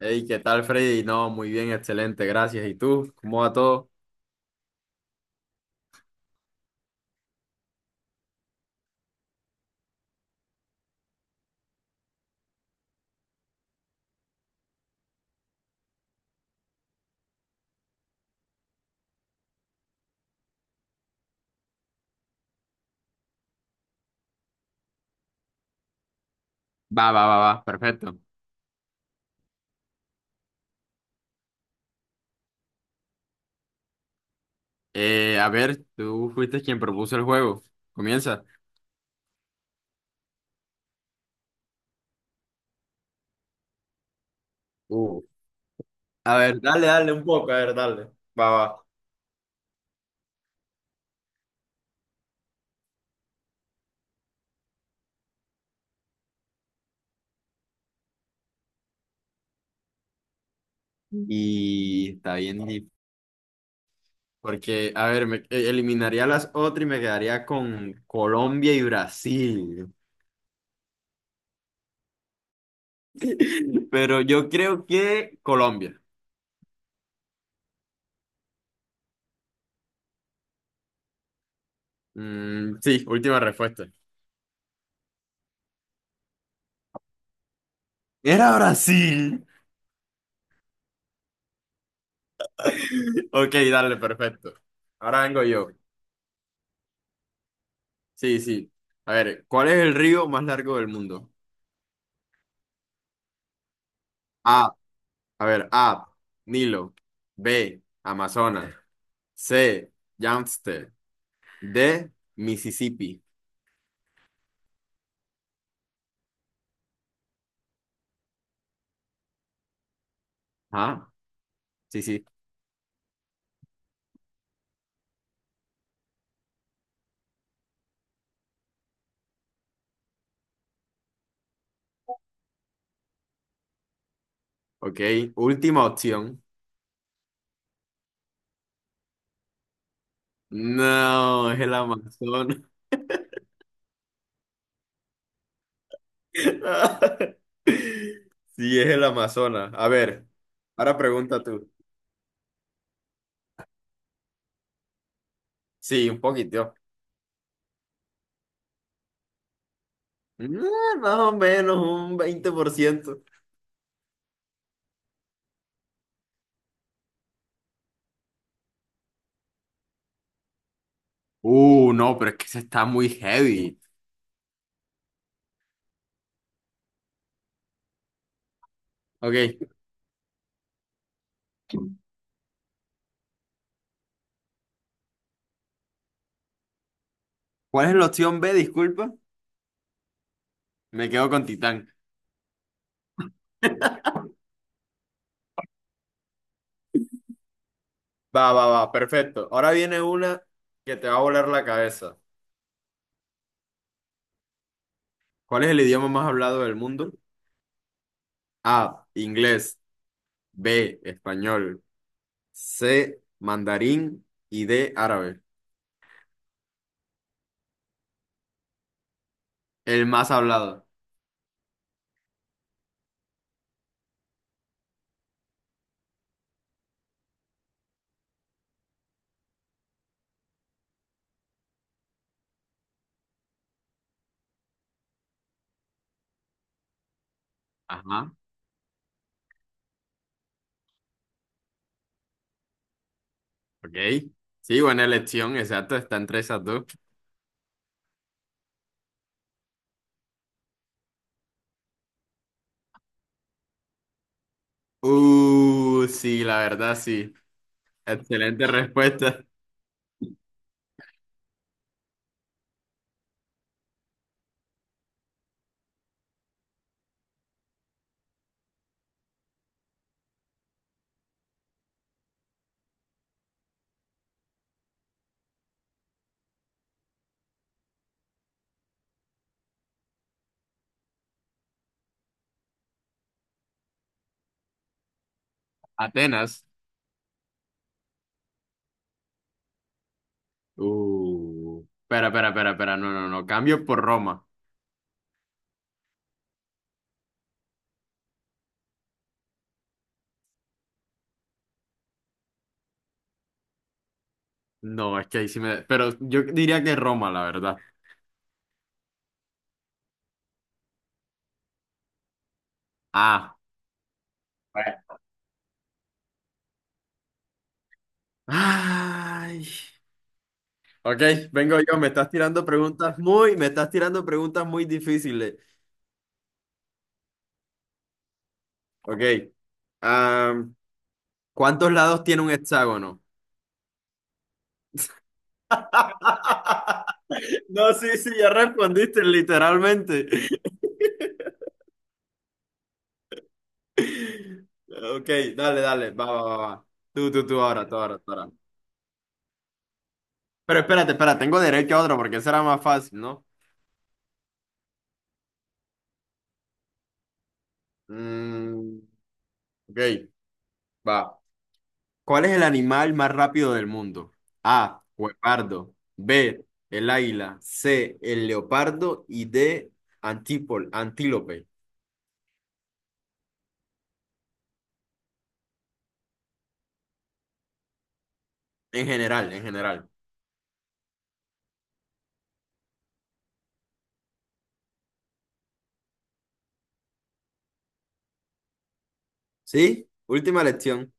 Hey, ¿qué tal, Freddy? No, muy bien, excelente, gracias. ¿Y tú? ¿Cómo va todo? Va, va, va, va, perfecto. A ver, tú fuiste quien propuso el juego. Comienza. Uh, A ver, dale, dale un poco, a ver, dale. Va, va. Y está bien, dif- porque, a ver, me eliminaría las otras y me quedaría con Colombia y Brasil. Pero yo creo que Colombia. Mm, sí, última respuesta. Era Brasil. Ok, dale, perfecto. Ahora vengo yo. Sí, sí. A ver, ¿cuál es el río más largo del mundo? A, a ver, A, Nilo; B, Amazonas; C, Yangtze; D, Mississippi. Ah, sí, sí. Ok, última opción. No, es el Amazonas. Sí, es el Amazonas. A ver, ahora pregunta tú. Sí, un poquito. Mm, Más o menos un 20%. No, pero es que se está muy heavy. Ok, ¿cuál es la opción B? Disculpa. Me quedo con Titán. Va, va, va, perfecto. Ahora viene una que te va a volar la cabeza. ¿Cuál es el idioma más hablado del mundo? A, inglés; B, español; C, mandarín; y D, árabe. El más hablado. Ajá, ok. Sí, buena elección, exacto, está entre esas dos. Sí, la verdad, sí. Excelente respuesta. Atenas. Espera, espera, espera, espera, no, no, no, cambio por Roma. No, es que ahí sí me... Pero yo diría que Roma, la verdad. Ah. Bueno, ay. Ok, vengo yo. Me estás tirando preguntas muy... Me estás tirando preguntas muy difíciles. Ok. Am, ¿Cuántos lados tiene un hexágono? No, sí, sí, ya respondiste literalmente. Ok, dale, dale, va, va, va, va. Tú, ahora, tú, ahora, tú, ahora. Pero espérate, espera, tengo derecho a otro porque será más fácil, ¿no? Mm, ok. Va. ¿Cuál es el animal más rápido del mundo? A, guepardo; B, el águila; C, el leopardo; y D, antílope. En general, en general. ¿Sí? Última lección.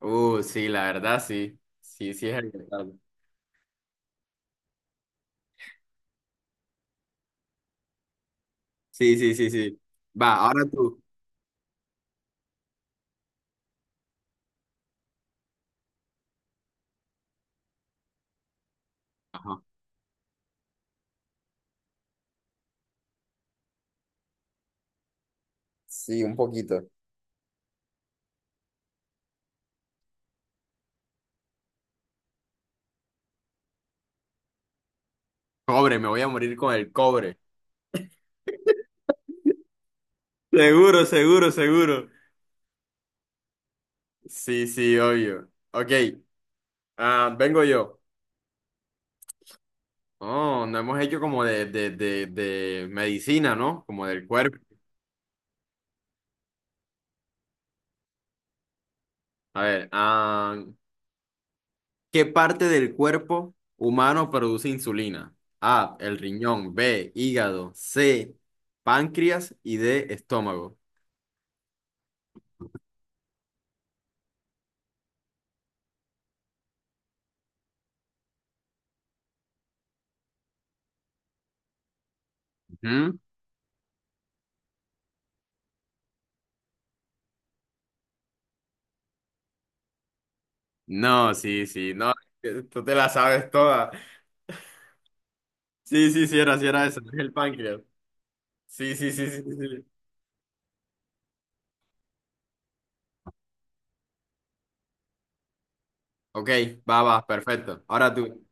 Sí, la verdad, sí. Sí, sí es el leopardo. Sí, sí, sí, sí. Va, ahora tú. Ajá. Sí, un poquito. Cobre, me voy a morir con el cobre. Seguro, seguro, seguro. Sí, sí, obvio. Ok, ah, vengo yo. Oh, no hemos hecho como de medicina, ¿no? Como del cuerpo. A ver, ah, ¿qué parte del cuerpo humano produce insulina? A, el riñón; B, hígado; C, páncreas; y D, estómago. Ujú. No, sí, sí, no, tú te la sabes toda. Sí, sí, sí, era eso, es el páncreas. Sí, sí, sí, sí, sí, Ok, va, va, perfecto. Ahora tú.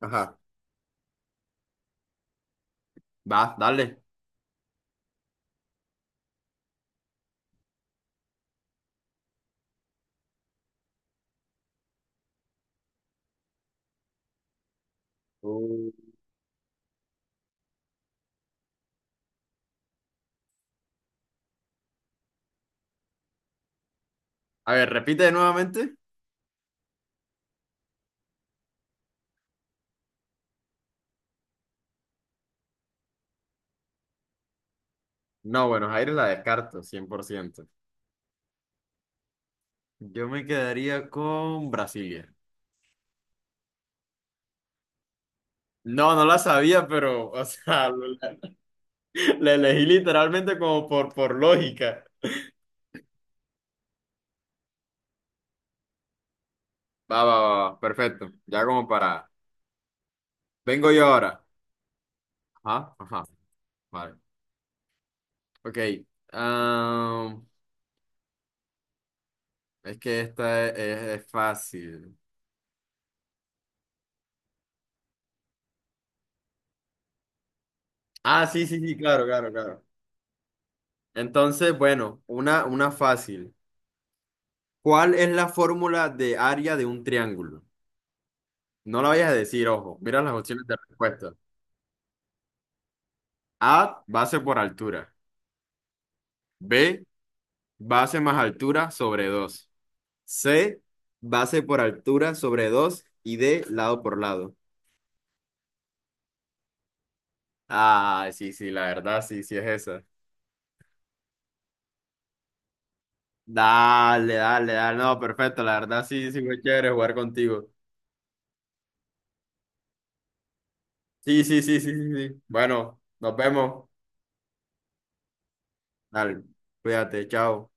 Ajá, va, dale. Uh, A ver, repite nuevamente. No, Buenos Aires la descarto, 100%. Yo me quedaría con Brasilia. No, no la sabía, pero, o sea, la, la elegí literalmente como por lógica. Va, va, va, va, perfecto. Ya como para... Vengo yo ahora. Ajá, ajá. Vale. Ok. am, es que es fácil. Ah, sí, sí, sí, claro, claro, claro. Entonces, bueno, una fácil. ¿Cuál es la fórmula de área de un triángulo? No la vayas a decir, ojo. Mira las opciones de respuesta. A, base por altura; B, base más altura sobre dos; C, base por altura sobre dos; y D, lado por lado. Ah, sí, sí, la verdad, sí, sí es esa. Dale, dale, dale. No, perfecto. La verdad, sí, sí, muy chévere jugar contigo. Sí, sí, sí, sí, sí, sí. Bueno, nos vemos. Dale, cuídate, chao.